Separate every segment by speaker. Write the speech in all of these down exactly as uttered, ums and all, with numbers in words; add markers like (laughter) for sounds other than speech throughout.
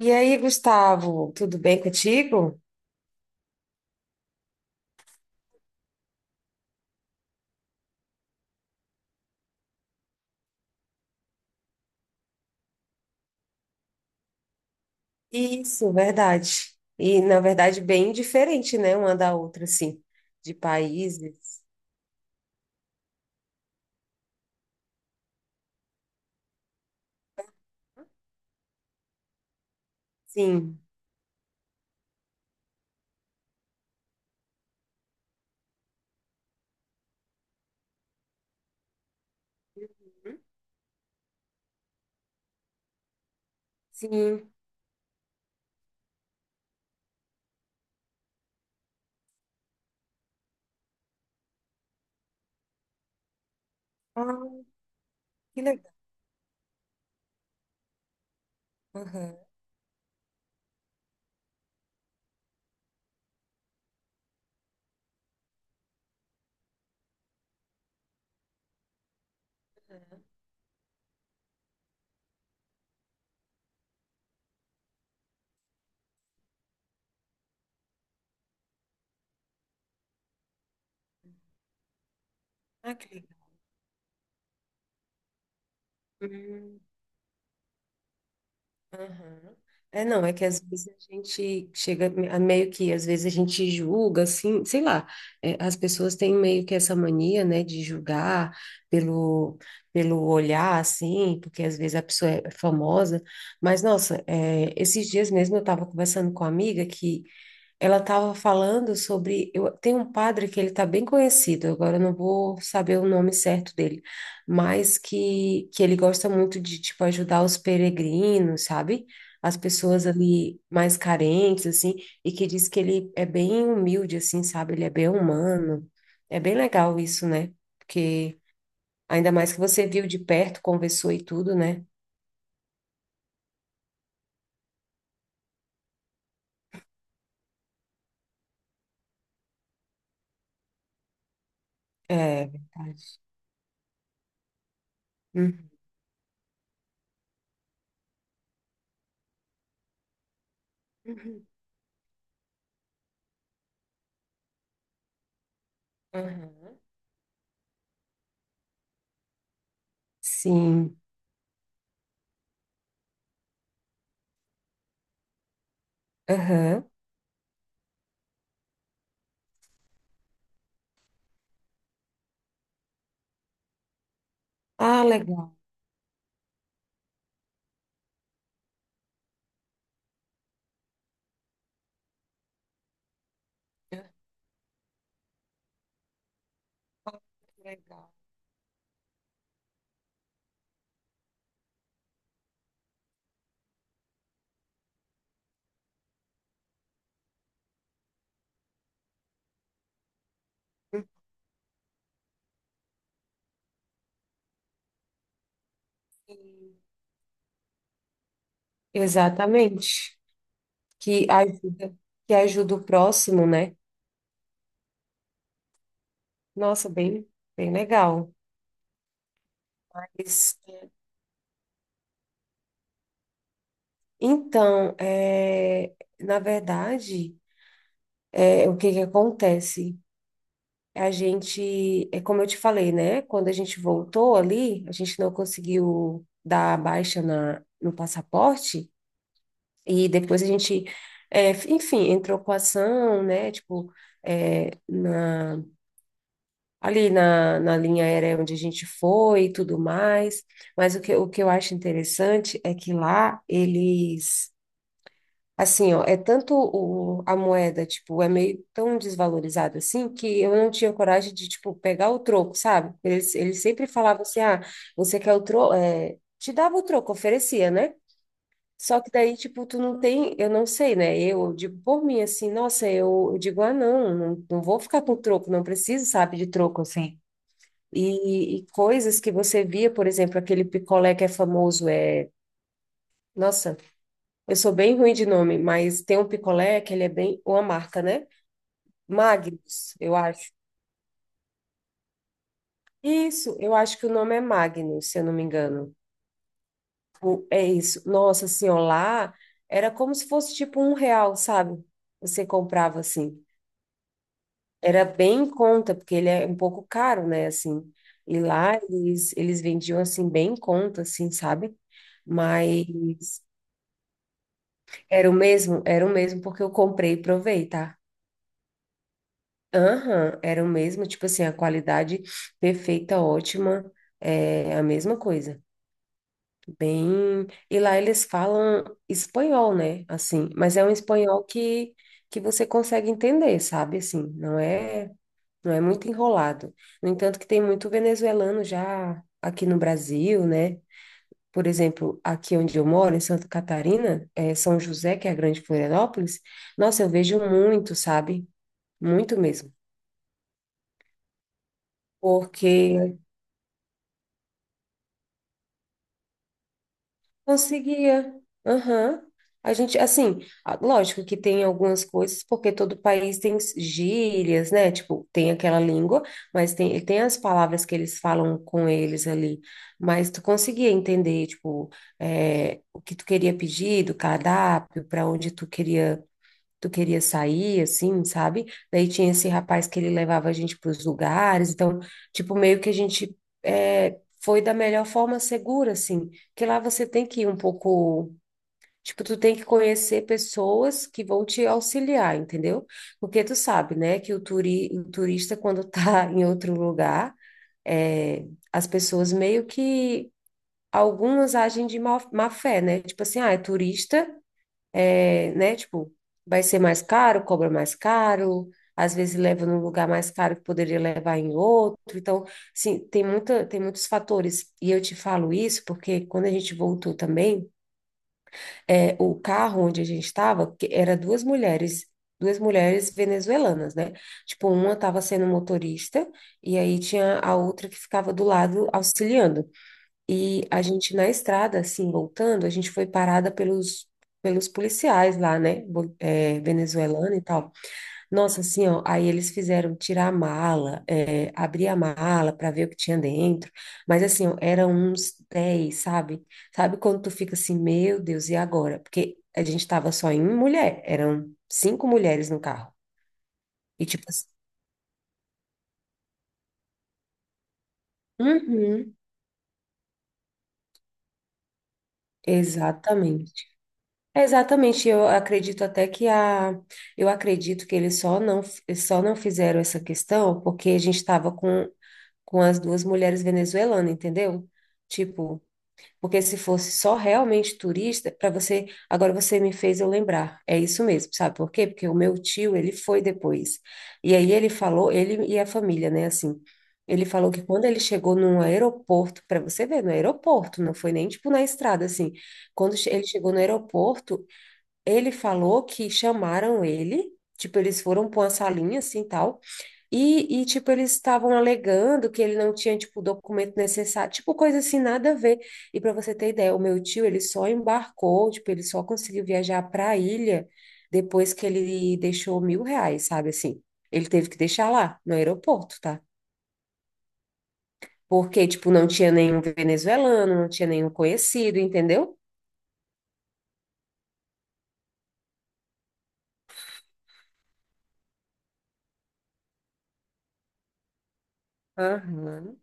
Speaker 1: E aí, Gustavo, tudo bem contigo? Isso, verdade. E, na verdade, bem diferente, né, uma da outra, assim, de países. Sim, sim. Ah, que legal. Aham. Ah, que legal. Aham. É, não, é que às vezes a gente chega a meio que, às vezes a gente julga, assim, sei lá, é, as pessoas têm meio que essa mania, né, de julgar pelo, pelo olhar, assim, porque às vezes a pessoa é famosa, mas, nossa, é, esses dias mesmo eu estava conversando com uma amiga que ela estava falando sobre. Eu, tem um padre que ele está bem conhecido, agora eu não vou saber o nome certo dele, mas que, que ele gosta muito de tipo, ajudar os peregrinos, sabe? As pessoas ali mais carentes, assim, e que diz que ele é bem humilde, assim, sabe? Ele é bem humano. É bem legal isso, né? Porque ainda mais que você viu de perto, conversou e tudo, né? É verdade. Uhum. Uhum. Aham. Sim. Aham. Ah, legal. Que legal. Sim. Exatamente. Que ajuda, que ajuda o próximo, né? Nossa, bem, bem legal. Mas, Então, é, na verdade, é, o que que acontece? A gente, é como eu te falei, né? Quando a gente voltou ali, a gente não conseguiu dar a baixa na, no passaporte e depois a gente, é, enfim, entrou com ação, né? Tipo, é, na ali na, na linha aérea onde a gente foi e tudo mais. Mas o que, o que eu acho interessante é que lá eles, assim, ó, é tanto o, a moeda, tipo, é meio tão desvalorizado assim que eu não tinha coragem de, tipo, pegar o troco, sabe? Eles, eles sempre falavam assim, ah, você quer o troco, é, te dava o troco, oferecia, né? Só que daí, tipo, tu não tem, eu não sei, né? Eu digo por mim, assim, nossa, eu, eu digo, ah, não, não, não vou ficar com troco, não preciso, sabe, de troco, assim. E, e coisas que você via, por exemplo, aquele picolé que é famoso, é. Nossa, eu sou bem ruim de nome, mas tem um picolé que ele é bem. Uma marca, né? Magnus, eu acho. Isso, eu acho que o nome é Magnus, se eu não me engano. O- É isso. Nossa senhora, lá era como se fosse tipo um real, sabe? Você comprava assim. Era bem em conta, porque ele é um pouco caro, né? Assim. E lá eles, eles vendiam assim, bem em conta, assim, sabe? Mas era o mesmo? Era o mesmo, porque eu comprei e provei, tá? Aham, era o mesmo, tipo assim, a qualidade perfeita, ótima, é a mesma coisa. Bem. E lá eles falam espanhol, né? Assim, mas é um espanhol que, que você consegue entender, sabe? Assim, não é, não é muito enrolado. No entanto, que tem muito venezuelano já aqui no Brasil, né? Por exemplo, aqui onde eu moro, em Santa Catarina, é São José, que é a grande Florianópolis, nossa, eu vejo muito, sabe? Muito mesmo. Porque conseguia. Aham. A gente, assim, a- lógico que tem algumas coisas, porque todo país tem gírias, né? Tipo, tem aquela língua, mas tem, tem as palavras que eles falam com eles ali. Mas tu conseguia entender, tipo, é, o que tu queria pedir do cardápio, para onde tu queria tu queria sair, assim, sabe? Daí tinha esse rapaz que ele levava a gente para os lugares, então, tipo, meio que a gente é, foi da melhor forma segura, assim, que lá você tem que ir um pouco. Tipo, tu tem que conhecer pessoas que vão te auxiliar, entendeu? Porque tu sabe, né, que o, turi, o turista, quando tá (laughs) em outro lugar, é, as pessoas meio que algumas agem de má, má fé, né? Tipo assim, ah, é turista, é, né? Tipo, vai ser mais caro, cobra mais caro, às vezes leva num lugar mais caro que poderia levar em outro. Então, sim, tem muita, tem muitos fatores. E eu te falo isso porque quando a gente voltou também, é, o carro onde a gente estava, que era duas mulheres. Duas mulheres venezuelanas, né? Tipo, uma estava sendo motorista e aí tinha a outra que ficava do lado auxiliando. E a gente na estrada, assim, voltando, a gente foi parada pelos, pelos policiais lá, né? Bo- É, venezuelano e tal. Nossa, assim, ó, aí eles fizeram tirar a mala, é, abrir a mala para ver o que tinha dentro. Mas assim, ó, eram uns dez, sabe? Sabe quando tu fica assim, meu Deus, e agora? Porque a gente tava só em mulher, eram cinco mulheres no carro. E tipo assim, uhum, exatamente. É, exatamente, eu acredito até que a, eu acredito que eles só não, eles só não fizeram essa questão porque a gente estava com, com as duas mulheres venezuelanas, entendeu? Tipo, porque se fosse só realmente turista, para você, agora você me fez eu lembrar, é isso mesmo, sabe por quê? Porque o meu tio, ele foi depois, e aí ele falou, ele e a família, né, assim, ele falou que quando ele chegou num aeroporto, para você ver, no aeroporto, não foi nem tipo na estrada, assim, quando che- ele chegou no aeroporto, ele falou que chamaram ele, tipo, eles foram para uma salinha assim tal, e, e tipo, eles estavam alegando que ele não tinha, tipo, o documento necessário, tipo, coisa assim, nada a ver. E para você ter ideia, o meu tio, ele só embarcou, tipo, ele só conseguiu viajar para a ilha depois que ele deixou mil reais, sabe assim? Ele teve que deixar lá, no aeroporto, tá? Porque, tipo, não tinha nenhum venezuelano, não tinha nenhum conhecido, entendeu? Aham.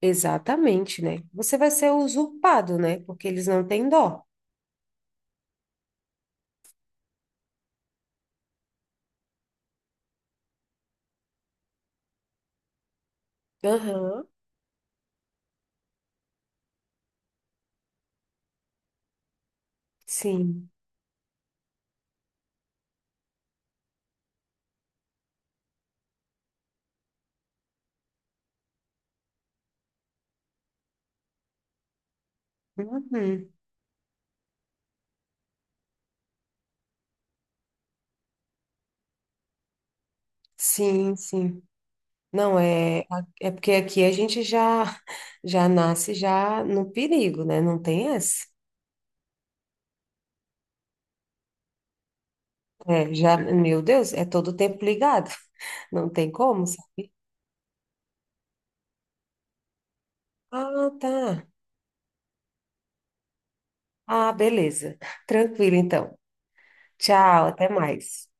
Speaker 1: Exatamente, né? Você vai ser usurpado, né? Porque eles não têm dó. Aham, sim. Uhum. Sim, sim. Não, é, é porque aqui a gente já já nasce já no perigo, né? Não tem essa. É, já, meu Deus, é todo tempo ligado. (laughs) Não tem como, sabe? Ah, tá. Ah, beleza. Tranquilo, então. Tchau, até mais.